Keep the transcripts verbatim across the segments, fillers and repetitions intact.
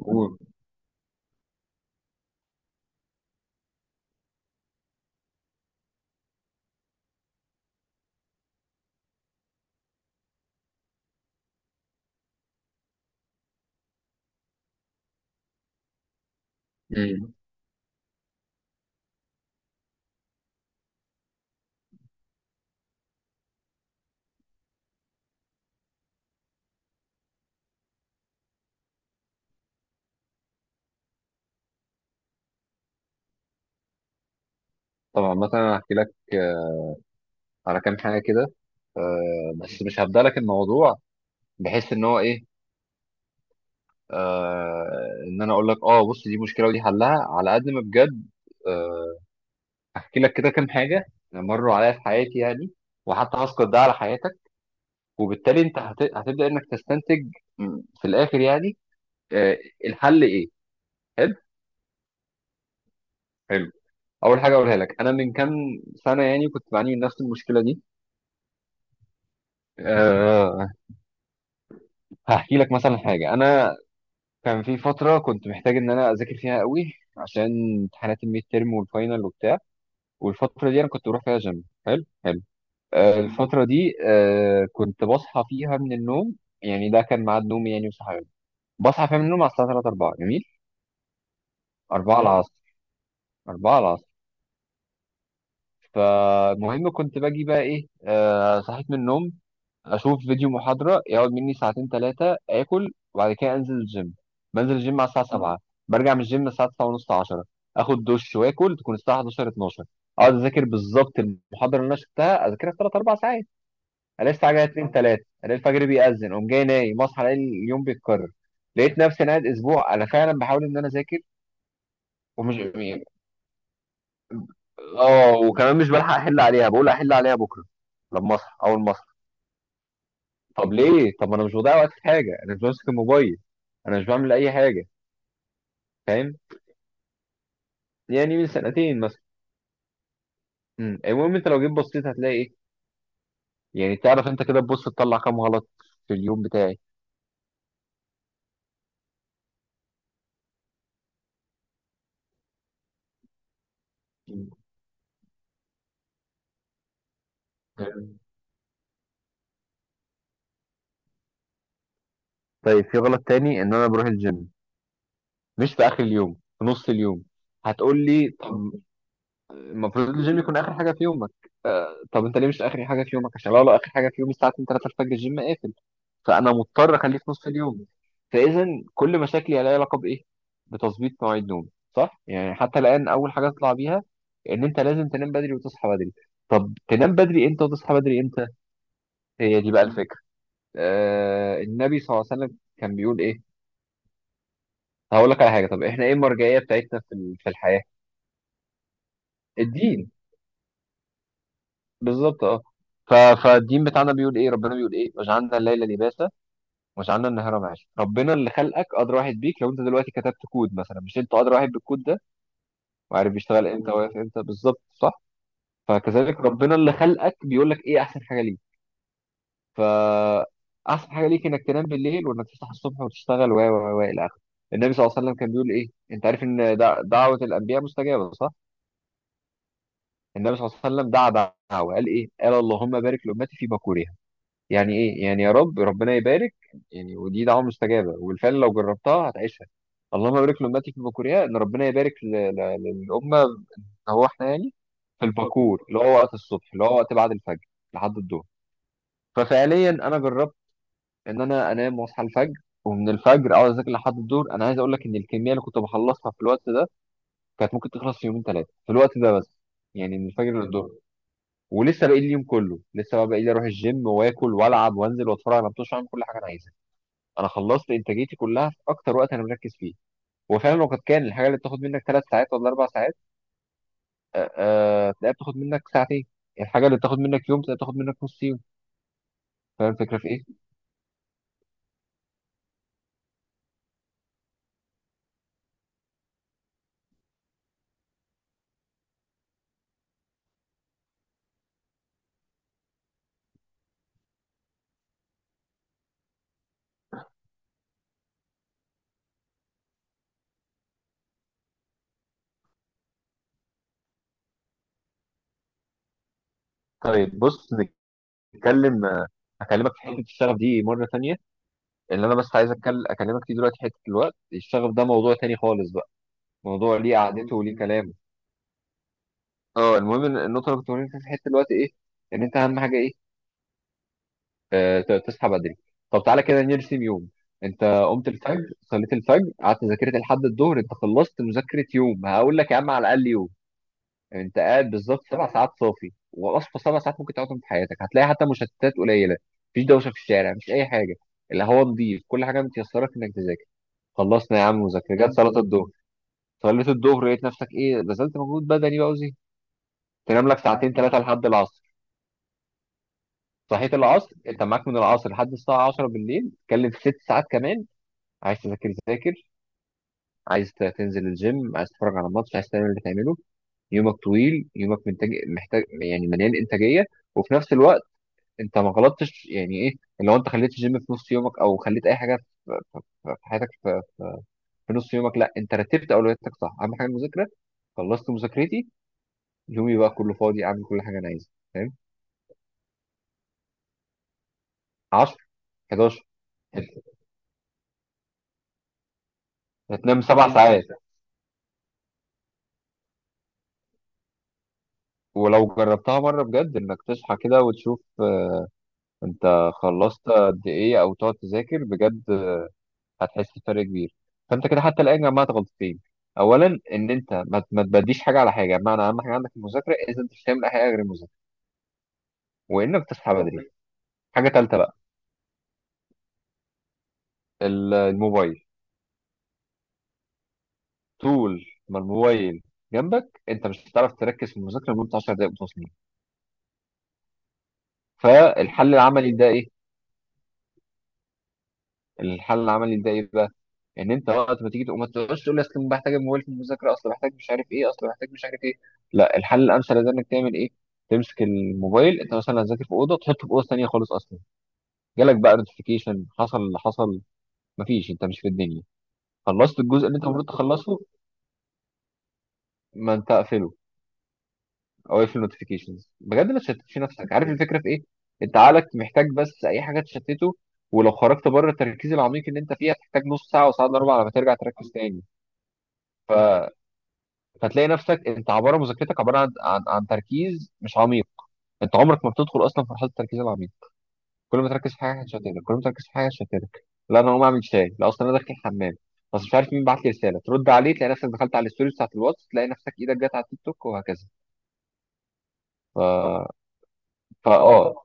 قول. مم. طبعا مثلا هحكي لك آه، على كام حاجه كده. آه، بس مش هبدأ لك الموضوع بحيث ان هو ايه. آه، ان انا اقول لك اه بص دي مشكله ودي حلها على قد ما بجد. آه، هحكي لك كده كام حاجه مروا عليا في حياتي يعني، وحتى هسقط ده على حياتك، وبالتالي انت هت... هتبدا انك تستنتج م، في الاخر يعني. آه، الحل ايه؟ حلو، حلو. اول حاجه اقولها لك، انا من كام سنه يعني كنت بعاني من نفس المشكله دي أه هحكي لك مثلا حاجه. انا كان في فترة كنت محتاج إن أنا أذاكر فيها قوي عشان امتحانات الميد تيرم والفاينل وبتاع. والفترة دي أنا كنت بروح فيها جيم حلو حلو. آه الفترة دي آه كنت بصحى فيها من النوم، يعني ده كان ميعاد نومي يعني وصحيان، بصحى فيها من النوم على الساعة ثلاثة أربعة، جميل. اربعه العصر، أربعة العصر. فالمهم كنت باجي بقى إيه، آه صحيت من النوم، اشوف فيديو محاضره يقعد مني ساعتين ثلاثه، اكل، وبعد كده انزل الجيم. بنزل الجيم على الساعه سبعة، برجع من الجيم الساعه تسعة ونص عشرة، اخد دش واكل تكون الساعه احد عشر اثنا عشر، اقعد اذاكر بالظبط المحاضره اللي انا شفتها، اذاكرها في ثلاثة اربع ساعات. الاقي الساعه جايه اتنين ثلاثة، الاقي الفجر بيأذن، اقوم جاي نايم، اصحى الاقي اليوم بيتكرر. لقيت نفسي انا قاعد اسبوع انا فعلا بحاول ان انا اذاكر ومش اه وكمان مش بلحق احل عليها، بقول احل عليها بكره لما اصحى، اول ما اصحى. طب ليه؟ طب ما انا مش بضيع وقت في حاجه، انا مش بمسك الموبايل، انا مش بعمل اي حاجه. فاهم. يعني من سنتين مثلا. أمم، المهم انت لو جيت بصيت هتلاقي ايه. يعني تعرف انت كده تبص تطلع كام غلط في اليوم بتاعي. أمم. طيب، في غلط تاني، ان انا بروح الجيم مش في اخر اليوم، في نص اليوم. هتقول لي طب المفروض الجيم يكون اخر حاجه في يومك. آه طب انت ليه مش اخر حاجه في يومك؟ عشان لو لو اخر حاجه في يومي الساعه اتنين ثلاثه الفجر، الجيم قافل، فانا مضطر اخليه في نص اليوم. فاذا كل مشاكلي لها علاقه بايه؟ بتظبيط مواعيد نومي، صح؟ يعني حتى الان اول حاجه اطلع بيها، ان انت لازم تنام بدري وتصحى بدري. طب تنام بدري امتى وتصحى بدري امتى؟ هي دي بقى الفكره. آه النبي صلى الله عليه وسلم كان بيقول ايه؟ هقول لك على حاجه. طب احنا ايه المرجعيه بتاعتنا في ال- في الحياه؟ الدين. بالظبط اه. ف- فالدين بتاعنا بيقول ايه؟ ربنا بيقول ايه؟ وجعلنا الليل لباسا وجعلنا النهار معاشا. ربنا اللي خلقك ادرى واحد بيك. لو انت دلوقتي كتبت كود مثلا، مش انت ادرى واحد بالكود ده وعارف بيشتغل امتى مم. واقف امتى بالظبط؟ صح. فكذلك ربنا اللي خلقك بيقول لك ايه احسن حاجه ليك. ف احسن حاجه ليك انك تنام بالليل وانك تصحى الصبح وتشتغل و و و الى اخره. النبي صلى الله عليه وسلم كان بيقول ايه؟ انت عارف ان دع- دعوه الانبياء مستجابه، صح؟ النبي صلى الله عليه وسلم دعا دعوه، قال ايه؟ قال اللهم بارك لامتي في بكورها. يعني ايه؟ يعني يا رب ربنا يبارك. يعني ودي دعوه مستجابه، وبالفعل لو جربتها هتعيشها. اللهم بارك لامتي في بكورها، ان ربنا يبارك ل- ل- للامه. هو احنا يعني في الباكور اللي هو وقت الصبح، اللي هو وقت بعد الفجر لحد الظهر. ففعليا انا جربت ان انا انام واصحى الفجر، ومن الفجر اقعد اذاكر لحد الظهر. انا عايز اقول لك ان الكميه اللي كنت بخلصها في الوقت ده كانت ممكن تخلص في يومين ثلاثه، في الوقت ده بس. يعني من الفجر للظهر، ولسه باقي لي اليوم كله. لسه بقى باقي لي اروح الجيم واكل والعب وانزل واتفرج على ماتش، اعمل كل حاجه انا عايزها. انا خلصت انتاجيتي كلها في اكتر وقت انا مركز فيه. وفعلا لو كانت كان الحاجه اللي بتاخد منك ثلاث ساعات ولا اربع ساعات، آه، آه، تلاقيها بتاخد منك ساعتين. الحاجة اللي بتاخد منك يوم تلاقيها بتاخد منك نص يوم. فاهم الفكرة في ايه؟ طيب بص، نتكلم. آه، هكلمك في حتة الشغف دي مرة تانية. اللي أنا بس عايز أتكلم أكلمك فيه دلوقتي حتة الوقت. الشغف ده موضوع تاني خالص بقى، موضوع ليه قعدته وليه كلامه. اه، المهم إن النقطة اللي كنت بقولها في حتة الوقت إيه؟ إن أنت أهم حاجة إيه؟ آه، ت- تصحى بدري. طب تعالى كده نرسم يوم. انت قمت الفجر، صليت الفجر، قعدت ذاكرت لحد الظهر، انت خلصت مذاكره يوم. هقول لك يا عم، على الاقل يوم. انت قاعد بالظبط سبع ساعات صافي، واصفى سبع ساعات ممكن تقعدهم في حياتك، هتلاقي حتى مشتتات قليله. مفيش دوشه في الشارع، مفيش اي حاجه، الهواء نضيف، كل حاجه متيسره في انك تذاكر. خلصنا يا عم مذاكره، جت صلاه الظهر. صليت الظهر، لقيت نفسك ايه، بذلت مجهود بدني بقى وزي تنام لك ساعتين ثلاثه لحد العصر. صحيت العصر، انت معاك من العصر لحد الساعه عشره بالليل، تتكلم في ست ساعات كمان. عايز تذاكر ذاكر، عايز ت- تنزل الجيم، عايز تتفرج على ماتش، عايز تعمل اللي تعمله. يومك طويل، يومك منتج، محتاج يعني مليان انتاجيه. وفي نفس الوقت انت ما غلطتش، يعني ايه؟ لو انت خليت الجيم في نص يومك او خليت اي حاجه في في حياتك في في نص يومك، لا انت رتبت اولوياتك صح. اهم حاجه المذاكره، خلصت مذاكرتي، يومي بقى كله فاضي اعمل كل حاجه انا عايزها. فاهم. عشره حداشر، هتنام سبع ساعات. ولو جربتها مره بجد، انك تصحى كده وتشوف آه، انت خلصت قد ايه، او تقعد تذاكر بجد، هتحس بفرق كبير. فانت كده حتى الان جمعت غلطتين: اولا ان انت ما ما تبديش حاجه على حاجه، بمعنى اهم حاجه عندك المذاكره، اذا انت مش هتعمل اي حاجه غير المذاكره. وانك تصحى بدري. حاجه ثالثه بقى: ال- الموبايل. طول ما الموبايل جنبك انت مش هتعرف تركز في المذاكره لمده عشر دقائق متواصلين. فالحل العملي ده ايه؟ الحل العملي ده ايه بقى؟ ان انت وقت ما تيجي تقوم ما تقعدش تقول لي اصل بحتاج الموبايل في المذاكره، اصل بحتاج مش عارف ايه، اصل بحتاج مش عارف ايه. لا، الحل الامثل ده انك تعمل ايه؟ تمسك الموبايل، انت مثلا هتذاكر في اوضه، تحطه في اوضه ثانيه خالص اصلا. جالك بقى نوتيفيكيشن حصل اللي حصل، مفيش، انت مش في الدنيا. خلصت الجزء اللي انت المفروض تخلصه، ما انت اقفله، او اقفل النوتيفيكيشنز، بجد ما تشتتش نفسك. عارف الفكره في ايه؟ انت عقلك محتاج بس اي حاجه تشتته، ولو خرجت بره التركيز العميق اللي انت فيه هتحتاج نص ساعه وساعه الا ربع على ما ترجع تركز تاني. فتلاقي نفسك انت، عباره مذاكرتك عباره عن عن, عن تركيز مش عميق. انت عمرك ما بتدخل اصلا في مرحله التركيز العميق. كل ما تركز في حاجه هتشتتك، كل ما تركز في حاجه هتشتتك. لا انا هقوم اعمل شاي، لا اصلا انا داخل الحمام، بس مش عارف مين بعت لي رساله ترد عليه، تلاقي نفسك دخلت على الستوري بتاعت الواتس، تلاقي نفسك ايدك جت على التيك توك، وهكذا. ف... فا اه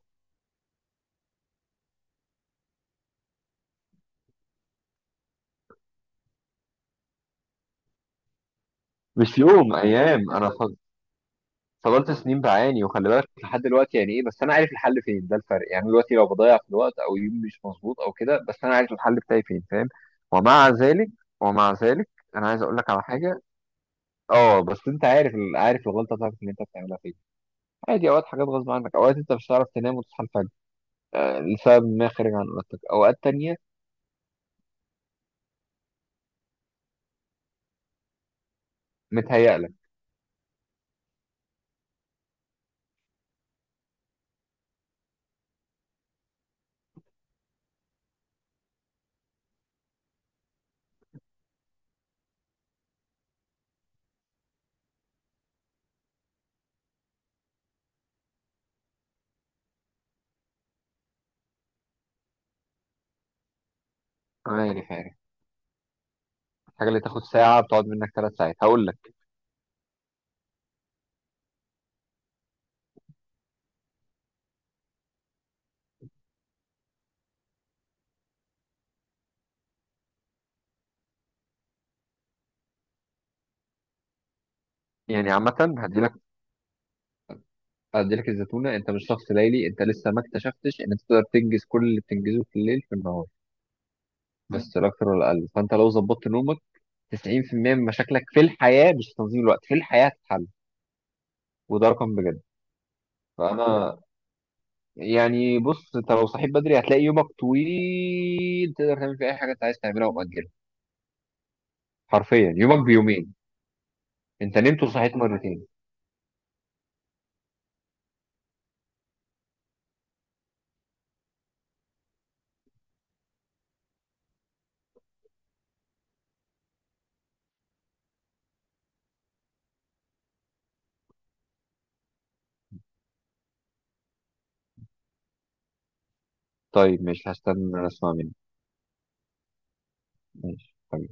مش يوم، ايام. انا فضلت سنين بعاني، وخلي بالك لحد دلوقتي يعني ايه، بس انا عارف الحل فين، ده الفرق. يعني دلوقتي لو بضيع في الوقت او يوم مش مظبوط او كده، بس انا عارف الحل بتاعي فين. فاهم. ومع ذلك ومع ذلك انا عايز اقول لك على حاجه. اه، بس انت عارف ال- عارف الغلطه بتاعتك اللي انت بتعملها فين. عادي، اوقات حاجات غصب عنك، اوقات انت مش هتعرف تنام وتصحى الفجر آه، لسبب ما خارج عن ارادتك، اوقات تانية متهيأ لك. عارف، عارف، الحاجه اللي تاخد ساعه بتقعد منك ثلاث ساعات. هقول لك يعني عامه، هدي اديلك الزتونه: انت مش شخص ليلي، انت لسه ما اكتشفتش ان انت تقدر تنجز كل اللي بتنجزه في الليل في النهار، بس لا اكتر ولا اقل. فانت لو ظبطت نومك، تسعين في المية من مشاكلك في الحياه، مش في تنظيم الوقت، في الحياه هتتحل، وده رقم بجد. فانا يعني بص، انت لو صحيت بدري هتلاقي يومك طويل، تقدر تعمل فيه اي حاجه انت عايز تعملها ومأجلها. حرفيا يومك بيومين، انت نمت وصحيت مرتين. طيب ماشي، هستنى اسمع منك. ماشي طيب.